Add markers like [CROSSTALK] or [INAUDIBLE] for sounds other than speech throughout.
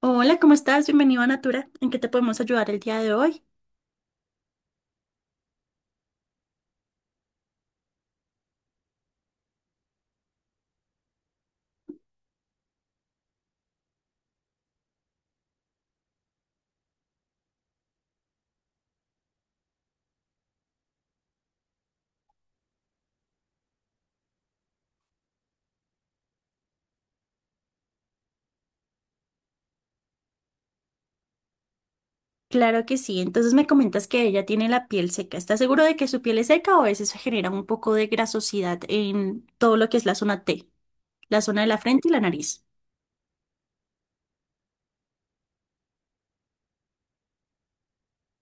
Hola, ¿cómo estás? Bienvenido a Natura. ¿En qué te podemos ayudar el día de hoy? Claro que sí. Entonces me comentas que ella tiene la piel seca. ¿Estás seguro de que su piel es seca o a veces se genera un poco de grasosidad en todo lo que es la zona T, la zona de la frente y la nariz?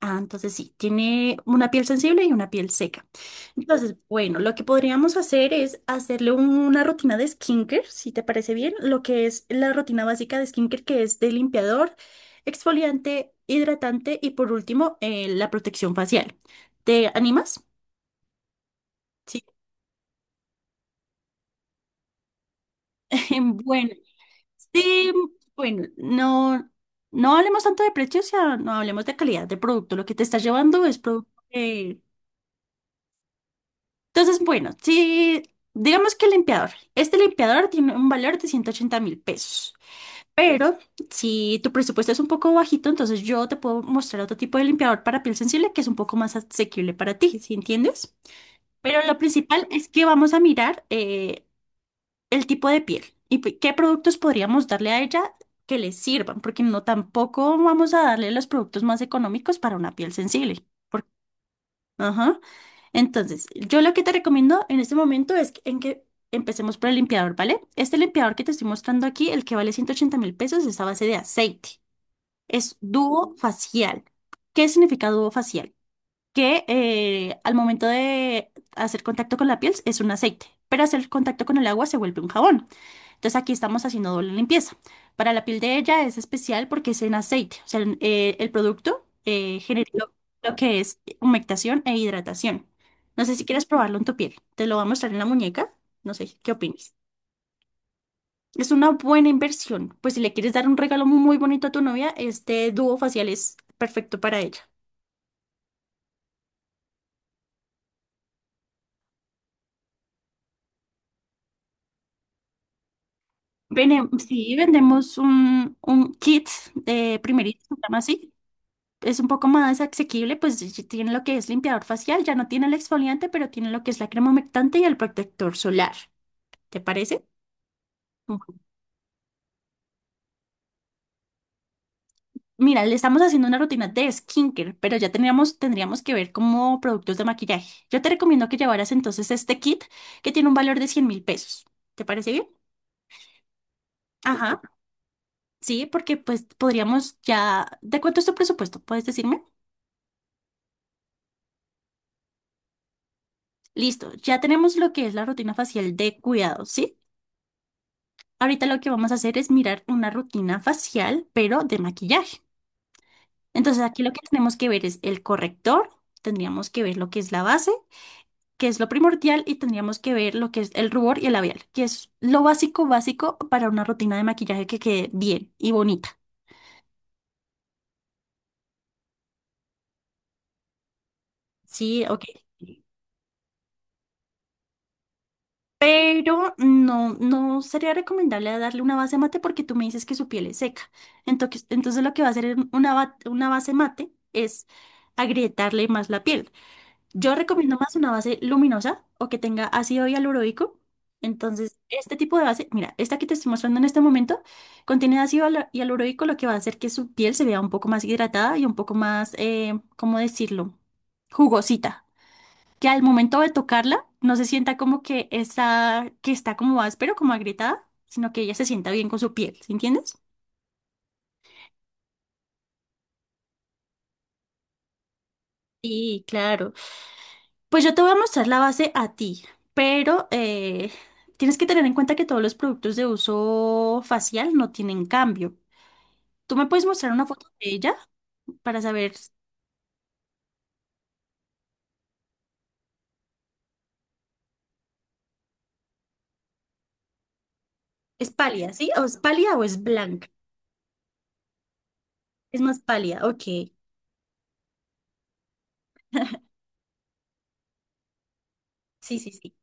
Ah, entonces sí, tiene una piel sensible y una piel seca. Entonces, bueno, lo que podríamos hacer es hacerle una rutina de skincare, si te parece bien, lo que es la rutina básica de skincare, que es de limpiador, exfoliante, hidratante y por último, la protección facial. ¿Te animas? Sí. [LAUGHS] Bueno, sí, bueno, no, no hablemos tanto de precio, o no hablemos de calidad de producto. Lo que te estás llevando es producto. Entonces, bueno, si digamos que el limpiador. Este limpiador tiene un valor de 180.000 pesos. Pero si tu presupuesto es un poco bajito, entonces yo te puedo mostrar otro tipo de limpiador para piel sensible que es un poco más asequible para ti, ¿sí entiendes? Pero lo principal es que vamos a mirar el tipo de piel y qué productos podríamos darle a ella que le sirvan, porque no tampoco vamos a darle los productos más económicos para una piel sensible. Ajá. Entonces, yo lo que te recomiendo en este momento es que- en que empecemos por el limpiador, ¿vale? Este limpiador que te estoy mostrando aquí, el que vale 180.000 pesos, es a base de aceite. Es dúo facial. ¿Qué significa dúo facial? Que al momento de hacer contacto con la piel es un aceite, pero hacer contacto con el agua se vuelve un jabón. Entonces aquí estamos haciendo doble limpieza. Para la piel de ella es especial porque es en aceite, o sea, el producto genera lo que es humectación e hidratación. No sé si quieres probarlo en tu piel, te lo voy a mostrar en la muñeca, no sé, ¿qué opinas? Es una buena inversión, pues si le quieres dar un regalo muy bonito a tu novia, este dúo facial es perfecto para ella. Sí, vendemos un kit de primerito, se llama así. Es un poco más asequible, pues y tiene lo que es limpiador facial, ya no tiene el exfoliante, pero tiene lo que es la crema humectante y el protector solar. ¿Te parece? Ujú. Mira, le estamos haciendo una rutina de skincare, pero ya teníamos, tendríamos que ver como productos de maquillaje. Yo te recomiendo que llevaras entonces este kit que tiene un valor de 100.000 pesos. ¿Te parece bien? Ajá. Sí, porque pues podríamos ya... ¿De cuánto es tu presupuesto? ¿Puedes decirme? Listo, ya tenemos lo que es la rutina facial de cuidado, ¿sí? Ahorita lo que vamos a hacer es mirar una rutina facial, pero de maquillaje. Entonces aquí lo que tenemos que ver es el corrector, tendríamos que ver lo que es la base, que es lo primordial, y tendríamos que ver lo que es el rubor y el labial, que es lo básico, básico para una rutina de maquillaje que quede bien y bonita. Sí, ok. Pero no, no sería recomendable darle una base mate porque tú me dices que su piel es seca. Entonces, entonces lo que va a hacer en una, una base mate es agrietarle más la piel. Yo recomiendo más una base luminosa o que tenga ácido hialurónico. Entonces, este tipo de base, mira, esta que te estoy mostrando en este momento, contiene ácido hialurónico, lo que va a hacer que su piel se vea un poco más hidratada y un poco más, ¿cómo decirlo? Jugosita que al momento de tocarla no se sienta como que está como áspero, como agrietada, sino que ella se sienta bien con su piel, ¿sí entiendes? Sí, claro. Pues yo te voy a mostrar la base a ti, pero tienes que tener en cuenta que todos los productos de uso facial no tienen cambio. Tú me puedes mostrar una foto de ella para saber, es pálida, ¿sí? ¿O es pálida o es blanca? Es más pálida, ok. Sí, sí, sí.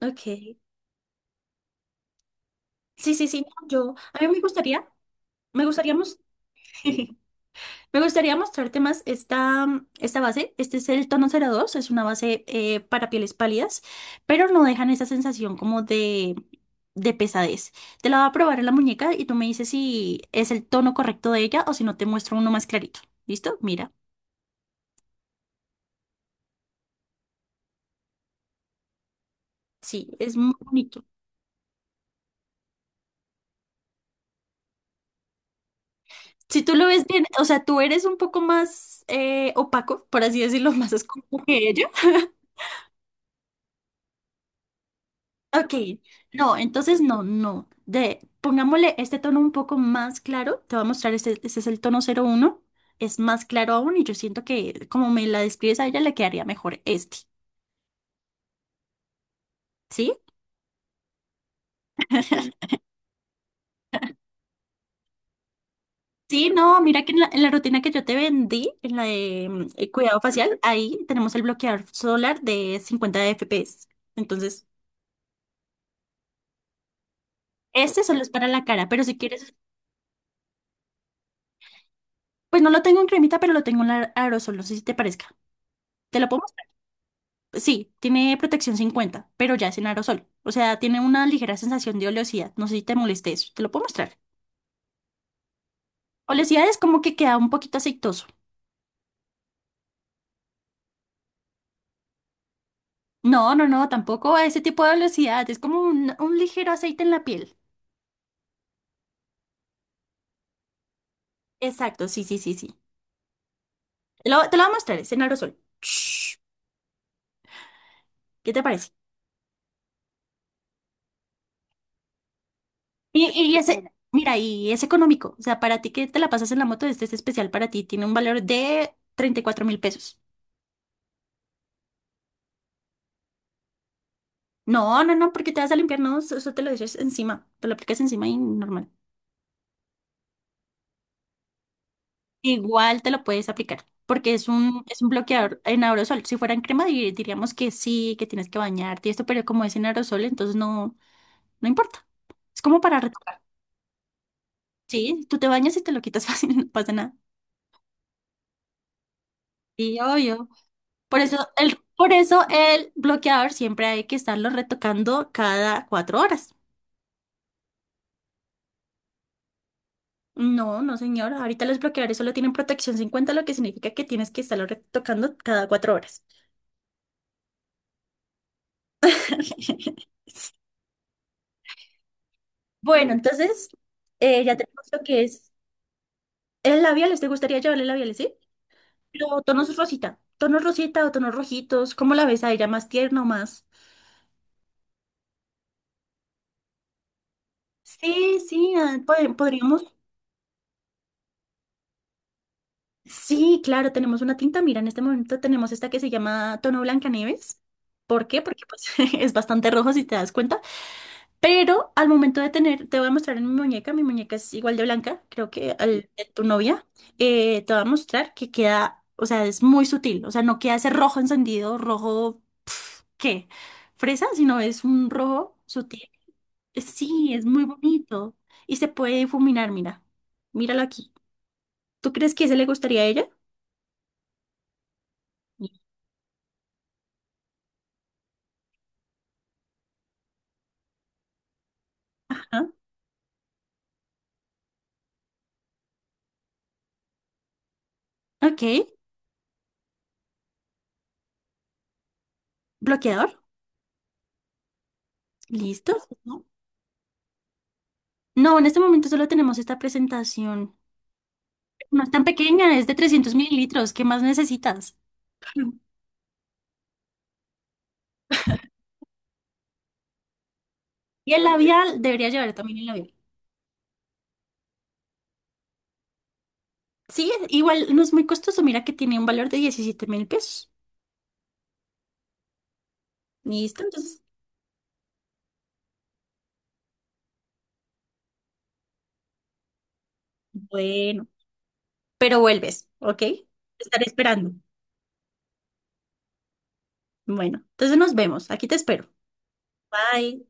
Ok. Sí, sí, sí, no, yo, a mí me gustaría mostrar. [LAUGHS] Me gustaría mostrarte más esta, esta base. Este es el tono 02. Es una base para pieles pálidas, pero no dejan esa sensación como de pesadez. Te la voy a probar en la muñeca y tú me dices si es el tono correcto de ella o si no te muestro uno más clarito. ¿Listo? Mira, sí, es muy bonito. Si tú lo ves bien, o sea, tú eres un poco más opaco, por así decirlo, [LAUGHS] más oscuro que ella. Ok, no, entonces no, no. De, pongámosle este tono un poco más claro. Te voy a mostrar, este es el tono 01. Es más claro aún y yo siento que como me la describes a ella le quedaría mejor este, ¿sí? [LAUGHS] Sí, no, mira que en la rutina que yo te vendí, en la de cuidado facial, ahí tenemos el bloqueador solar de 50 FPS. Entonces, este solo es para la cara, pero si quieres, pues no lo tengo en cremita, pero lo tengo en aerosol, no sé si te parezca. ¿Te lo pongo? Sí, tiene protección 50, pero ya es en aerosol. O sea, tiene una ligera sensación de oleosidad. No sé si te moleste eso. Te lo puedo mostrar. Oleosidad es como que queda un poquito aceitoso. No, no, no, tampoco a ese tipo de oleosidad. Es como un ligero aceite en la piel. Exacto, sí, sí, sí, sí. Te lo voy a mostrar, es en aerosol. Shh, ¿qué te parece? Y ese, mira, y es económico. O sea, para ti que te la pasas en la moto, este es especial para ti. Tiene un valor de 34 mil pesos. No, no, no, porque te vas a limpiar, no, eso eso te lo dices encima. Te lo aplicas encima y normal. Igual te lo puedes aplicar, porque es es un bloqueador en aerosol. Si fuera en crema, diríamos que sí, que tienes que bañarte y esto, pero como es en aerosol, entonces no, no importa. Es como para retocar. Sí, tú te bañas y te lo quitas [LAUGHS] fácil, no pasa nada. Sí, obvio. Por eso el bloqueador siempre hay que estarlo retocando cada 4 horas. No, no, señora. Ahorita los bloqueadores solo tienen protección 50 lo que significa que tienes que estarlo retocando cada cuatro horas. [LAUGHS] Bueno, entonces ya tenemos lo que es. El labiales, ¿te gustaría llevarle labiales, sí? Pero tonos rosita o tonos rojitos, ¿cómo la ves a ella? ¿Más tierno, más? Sí, sí, ah, podríamos. Sí, claro, tenemos una tinta. Mira, en este momento tenemos esta que se llama tono Blancanieves. ¿Por qué? Porque pues, [LAUGHS] es bastante rojo si te das cuenta. Pero al momento de tener, te voy a mostrar en mi muñeca es igual de blanca, creo que al de tu novia, te voy a mostrar que queda, o sea, es muy sutil, o sea, no queda ese rojo encendido, rojo ¿qué? ¿Fresa? Sino es un rojo sutil. Sí, es muy bonito. Y se puede difuminar, mira. Míralo aquí. ¿Tú crees que ese le gustaría a ella? Ajá. Ok. ¿Bloqueador? ¿Listo? No, no, en este momento solo tenemos esta presentación. No es tan pequeña, es de 300 mililitros. ¿Qué más necesitas? [LAUGHS] Y el labial, debería llevar también el labial. Sí, igual no es muy costoso. Mira que tiene un valor de 17.000 pesos. ¿Listo? Entonces, bueno. Pero vuelves, ¿ok? Te estaré esperando. Bueno, entonces nos vemos. Aquí te espero. Bye.